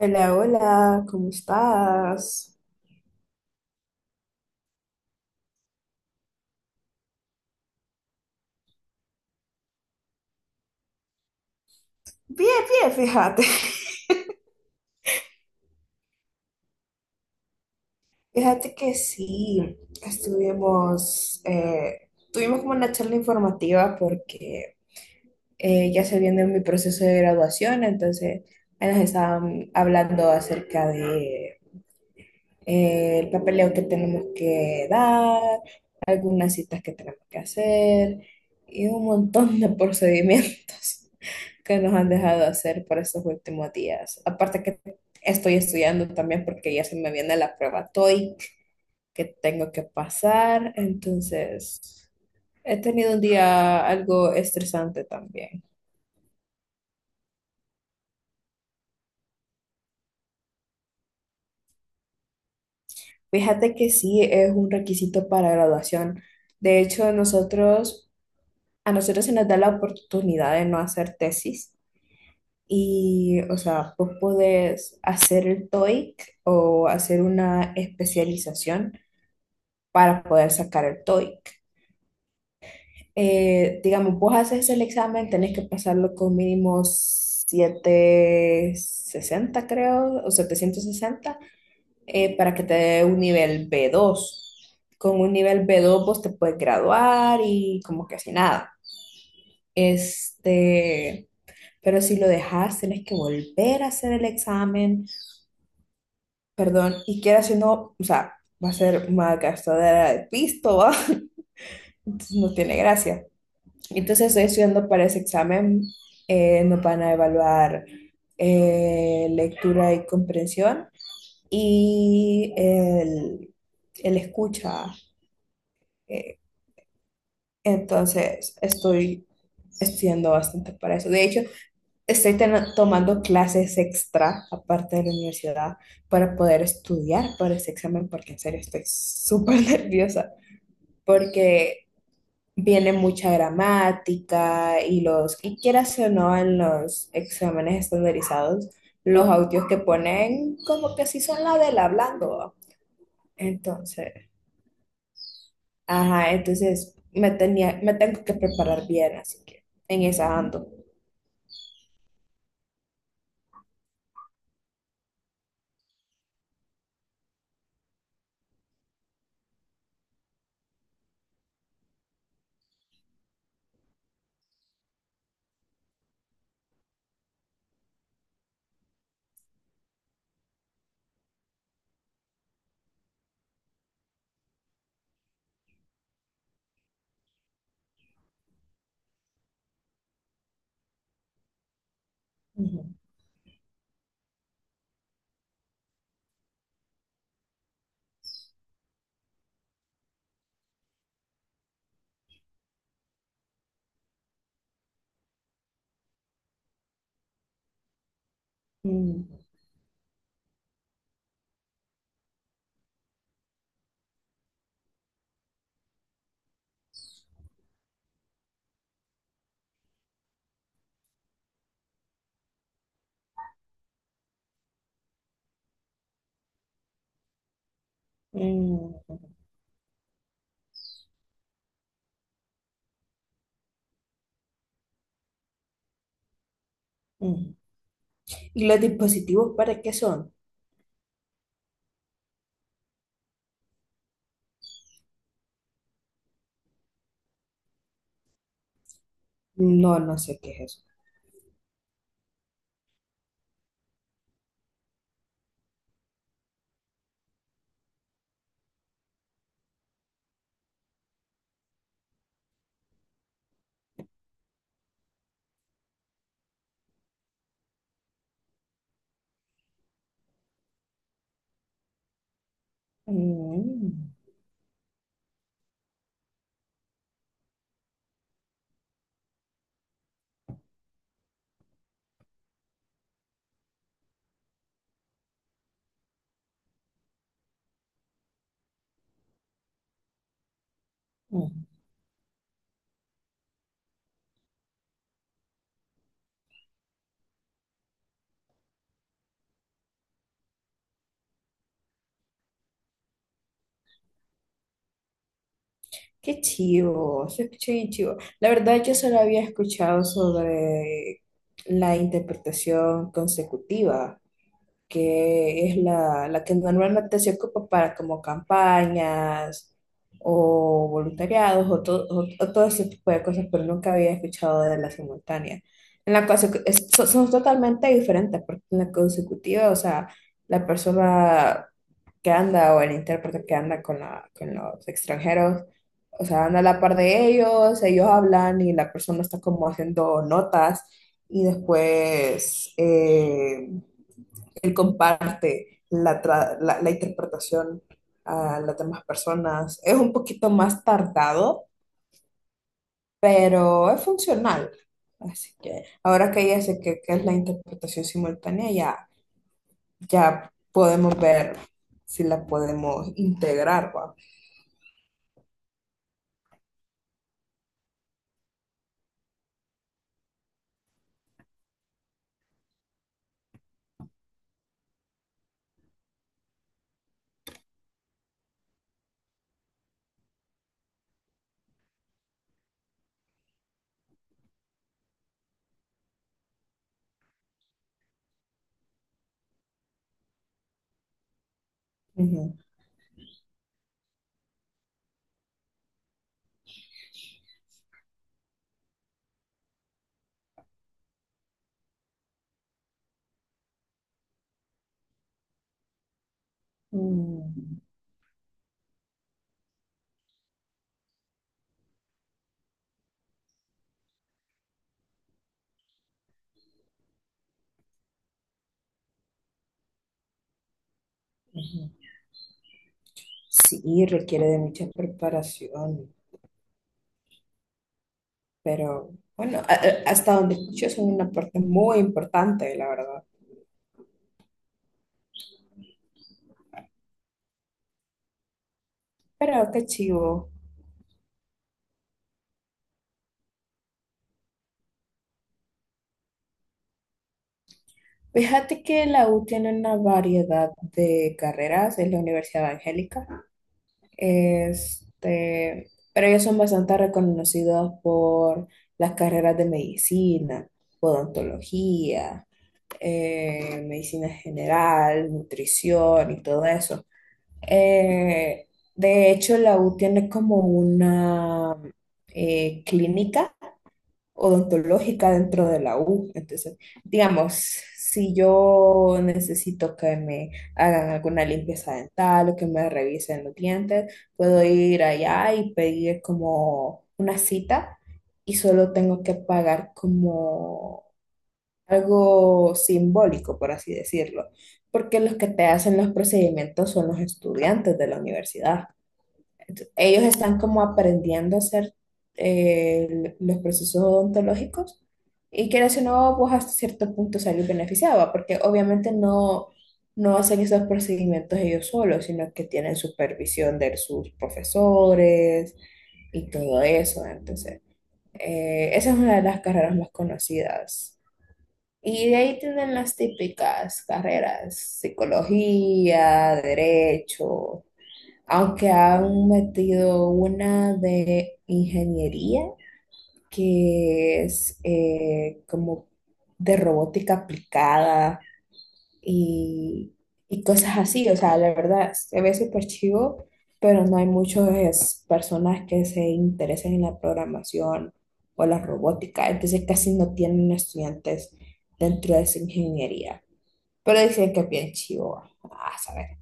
Hola, hola, ¿cómo estás? Bien, bien, fíjate. Fíjate que sí, estuvimos, eh, tuvimos como una charla informativa porque ya se viene mi proceso de graduación, entonces ahí nos estaban hablando acerca de el papeleo que tenemos que dar, algunas citas que tenemos que hacer y un montón de procedimientos que nos han dejado hacer por estos últimos días. Aparte que estoy estudiando también porque ya se me viene la prueba TOEIC que tengo que pasar, entonces he tenido un día algo estresante también. Fíjate que sí es un requisito para graduación. De hecho, nosotros a nosotros se nos da la oportunidad de no hacer tesis y, o sea, vos podés hacer el TOEIC o hacer una especialización para poder sacar el TOEIC. Digamos, vos haces el examen, tenés que pasarlo con mínimo 760 creo, o 760, para que te dé un nivel b dos. Con un nivel b dos vos te puedes graduar y como que así nada. Este, Pero si lo dejas, tienes que volver a hacer el examen, perdón, y quieras o no, o sea, va a ser una gastadera de pisto, ¿va? Entonces no tiene gracia. Entonces estoy estudiando para ese examen, nos van a evaluar lectura y comprensión y el escucha. eh, entonces estoy estudiando bastante para eso. De hecho, estoy tomando clases extra, aparte de la universidad, para poder estudiar para ese examen, porque en serio estoy súper nerviosa, porque viene mucha gramática y quieras o no, en los exámenes estandarizados, los audios que ponen como que sí son la del hablando, ¿va? Entonces, ajá, entonces me tengo que preparar bien, así que en esa ando. Ujú. Mm, mm, mm, mm. ¿Y los dispositivos para qué son? No, no sé qué es eso. Mm, mm. Qué chivo, se escucha bien chivo. La verdad, yo solo había escuchado sobre la interpretación consecutiva que es la que normalmente se ocupa para como campañas o voluntariados o todo ese tipo de cosas, pero nunca había escuchado de la simultánea. En la conse- es- so- son totalmente diferentes, porque en la consecutiva, o sea, la persona que anda o el intérprete que anda con los extranjeros, o sea, anda a la par de ellos, ellos hablan y la persona está como haciendo notas y después. Él comparte la interpretación a las demás personas. Es un poquito más tardado, pero es funcional. Así que ahora que ya sé qué es la interpretación simultánea, ya, ya podemos ver si la podemos integrar, ¿va? Ujú. Mm, ujú. Sí, requiere de mucha preparación, pero bueno, hasta donde escucho es una parte muy importante, la verdad. Pero qué chivo. Fíjate que la U tiene una variedad de carreras, es la Universidad Evangélica, pero ellos son bastante reconocidos por las carreras de medicina, odontología, medicina general, nutrición y todo eso. Eh, de hecho, la U tiene como una clínica odontológica dentro de la U. Entonces, digamos, si yo necesito que me hagan alguna limpieza dental o que me revisen los dientes, puedo ir allá y pedir como una cita y solo tengo que pagar como algo simbólico, por así decirlo, porque los que te hacen los procedimientos son los estudiantes de la universidad. Ellos están como aprendiendo a hacer los procesos odontológicos y que o no, pues hasta cierto punto salir beneficiado, porque obviamente no, no hacen esos procedimientos ellos solos, sino que tienen supervisión de sus profesores y todo eso. Entonces, esa es una de las carreras más conocidas. Y de ahí tienen las típicas carreras, psicología, derecho, aunque han metido una de ingeniería, que es como de robótica aplicada y, y cosas así. O sea, la verdad, se ve súper chivo, pero no hay muchas personas que se interesen en la programación o la robótica. Entonces casi no tienen estudiantes dentro de esa ingeniería. Pero dicen que es bien chivo. Ah, ¿sabes?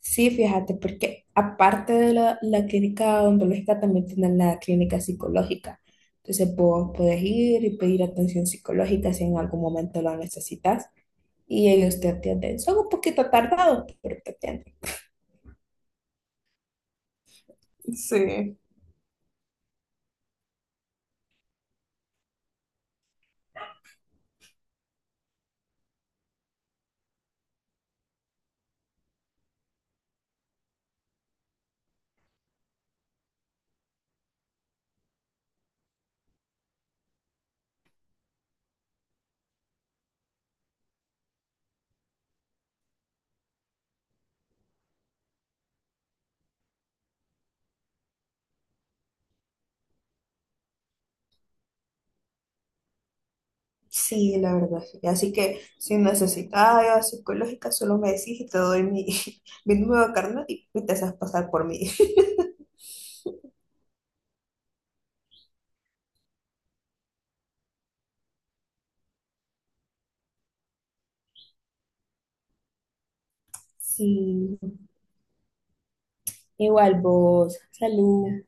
Sí, fíjate, porque aparte de la clínica odontológica, también tienen la clínica psicológica. Entonces, vos puedes ir y pedir atención psicológica si en algún momento la necesitas y ellos te atienden. Son un poquito tardados, pero te atienden. Sí. Sí, la verdad, sí. Así que si necesitas ayuda psicológica, solo me decís y te doy mi, mi nuevo carnet y te haces pasar por mí. Sí, igual vos. Salud.